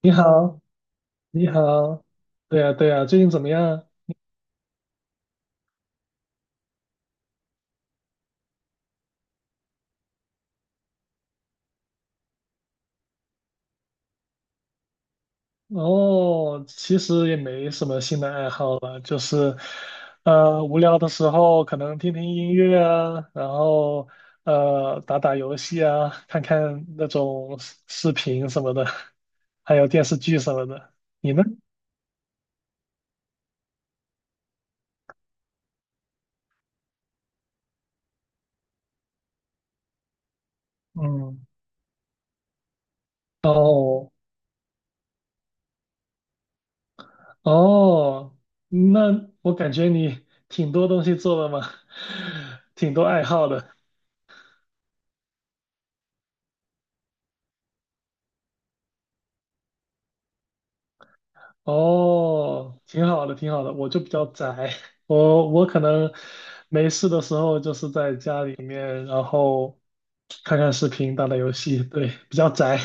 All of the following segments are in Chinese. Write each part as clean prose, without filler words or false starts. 你好，你好，对呀，对呀，最近怎么样？哦，其实也没什么新的爱好了，就是，无聊的时候可能听听音乐啊，然后打打游戏啊，看看那种视频什么的，还有电视剧什么的。你呢？嗯，哦哦，那我感觉你挺多东西做的嘛，挺多爱好的。哦，挺好的，挺好的。我就比较宅，我可能没事的时候就是在家里面，然后看看视频，打打游戏，对，比较宅。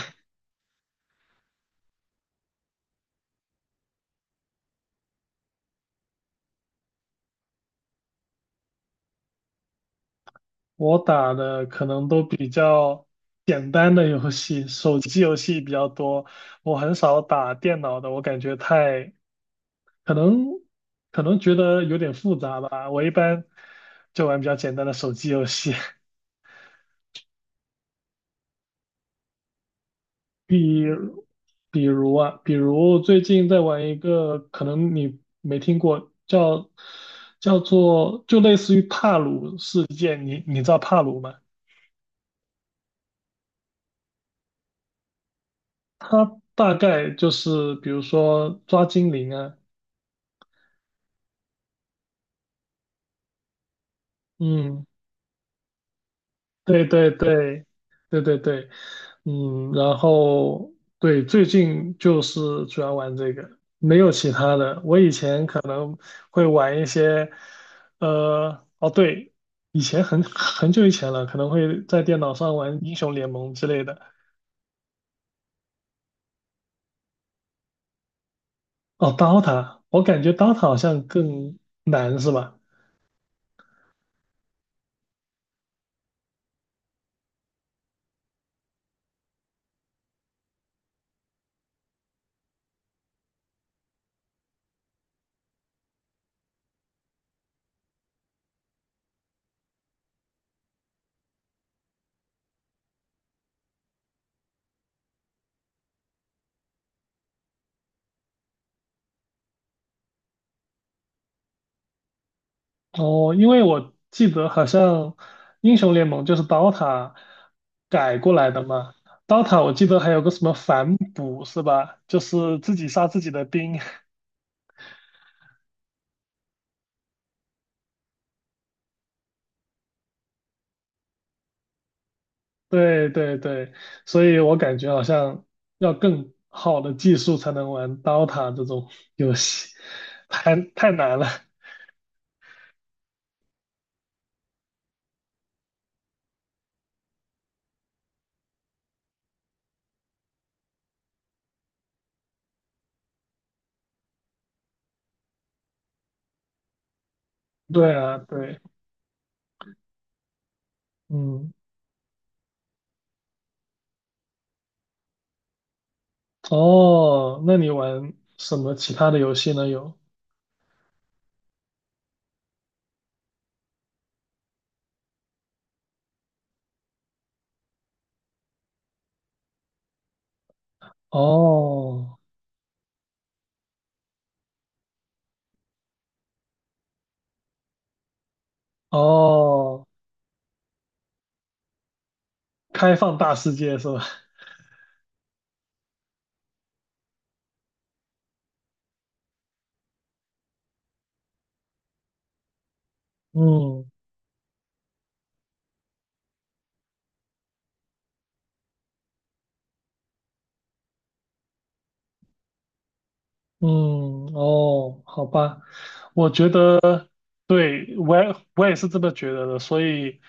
我打的可能都比较简单的游戏，手机游戏比较多，我很少打电脑的，我感觉太，可能可能觉得有点复杂吧。我一般就玩比较简单的手机游戏。比如比如最近在玩一个，可能你没听过，叫做就类似于帕鲁事件，你知道帕鲁吗？它大概就是比如说抓精灵啊，嗯，对对对对对对，嗯，然后对，最近就是主要玩这个，没有其他的。我以前可能会玩一些，哦对，以前很久以前了，可能会在电脑上玩英雄联盟之类的。哦，DOTA，我感觉 DOTA 好像更难是吧？哦，因为我记得好像英雄联盟就是 DOTA 改过来的嘛，DOTA 我记得还有个什么反哺是吧？就是自己杀自己的兵。对对对，所以我感觉好像要更好的技术才能玩 DOTA 这种游戏，太难了。对啊，对，嗯，哦，那你玩什么其他的游戏呢？有，哦哦，开放大世界是吧？嗯嗯，哦，好吧，我觉得对，我也是这么觉得的，所以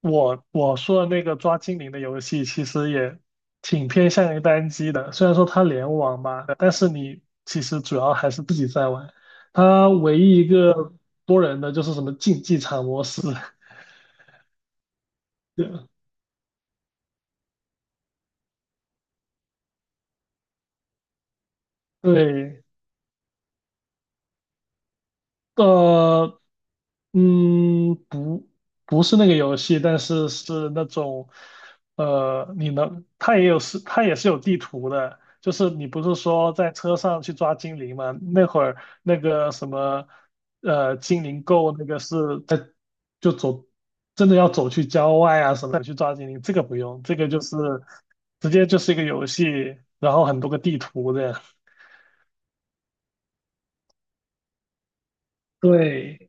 我说的那个抓精灵的游戏其实也挺偏向于单机的，虽然说它联网吧，但是你其实主要还是自己在玩，它唯一一个多人的就是什么竞技场模式，对。对，呃，嗯，不是那个游戏，但是是那种，呃，你能，它也有是，它也是有地图的，就是你不是说在车上去抓精灵吗？那会儿那个什么，精灵够那个是在就走，真的要走去郊外啊什么的去抓精灵，这个不用，这个就是直接就是一个游戏，然后很多个地图的。对，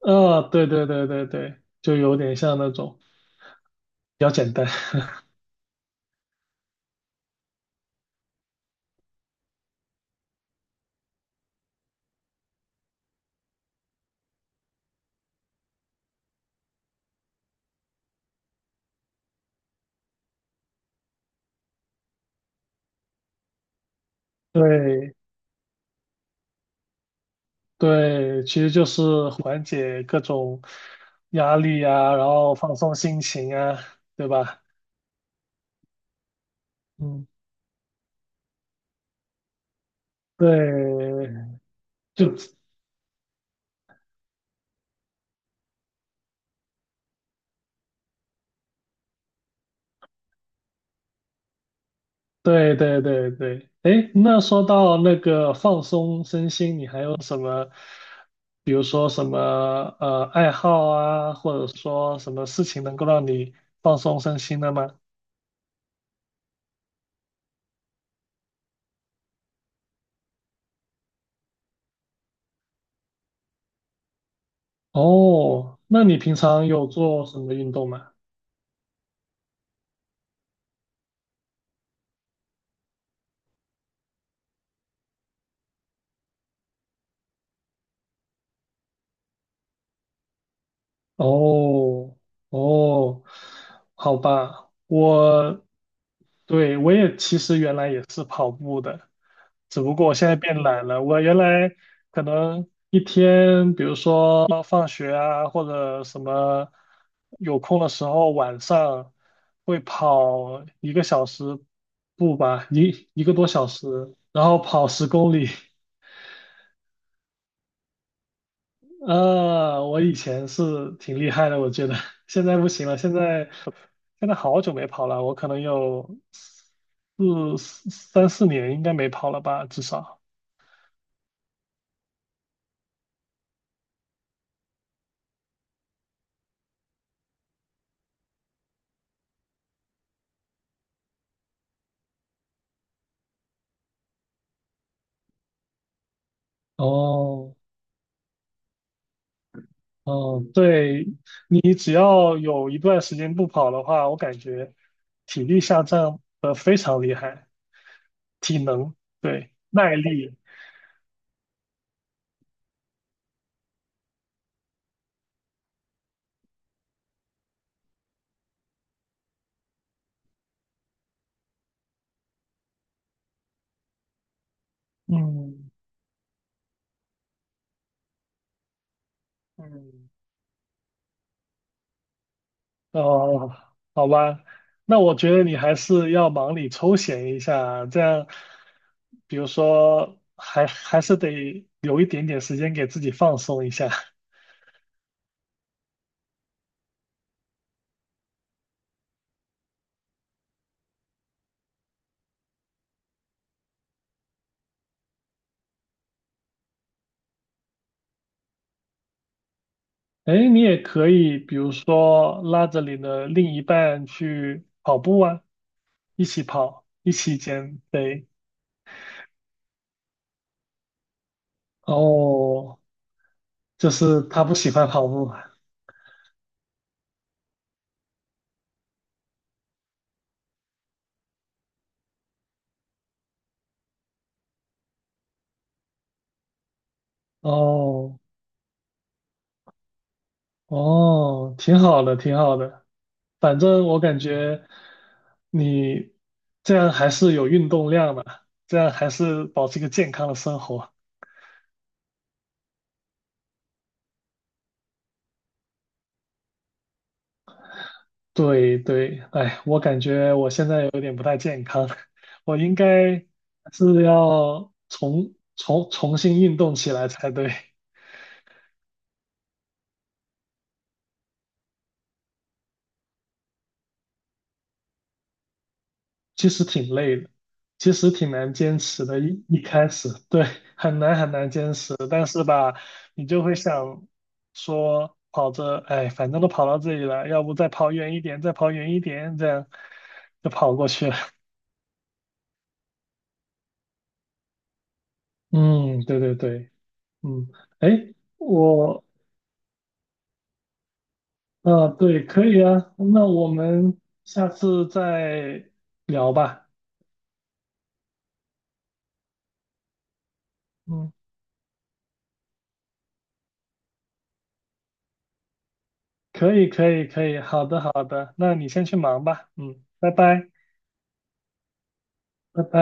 对对对对对，就有点像那种比较简单。对对，其实就是缓解各种压力啊，然后放松心情啊，对吧？嗯，对，就对对对对。哎，那说到那个放松身心，你还有什么，比如说什么爱好啊，或者说什么事情能够让你放松身心的吗？哦，那你平常有做什么运动吗？哦哦，好吧，我也其实原来也是跑步的，只不过我现在变懒了。我原来可能一天，比如说放学啊，或者什么有空的时候，晚上会跑一个小时步吧，一个多小时，然后跑十公里。啊，我以前是挺厉害的，我觉得现在不行了，现在。现在好久没跑了，我可能有四年应该没跑了吧，至少。哦哦，对，你只要有一段时间不跑的话，我感觉体力下降的非常厉害，体能，对，耐力，嗯嗯，哦，好吧，那我觉得你还是要忙里抽闲一下，这样，比如说还是得留一点点时间给自己放松一下。哎，你也可以，比如说拉着你的另一半去跑步啊，一起跑，一起减肥。哦，就是他不喜欢跑步啊。哦哦，挺好的，挺好的。反正我感觉你这样还是有运动量的，这样还是保持一个健康的生活。对对，哎，我感觉我现在有点不太健康，我应该是要重新运动起来才对。其实挺累的，其实挺难坚持的。一开始，对，很难很难坚持，但是吧，你就会想说，跑着，哎，反正都跑到这里了，要不再跑远一点，再跑远一点，这样就跑过去了。嗯，对对对，嗯，哎。我对，可以啊，那我们下次再聊吧。嗯，可以，可以，可以，好的，好的，那你先去忙吧。嗯，拜拜，拜拜。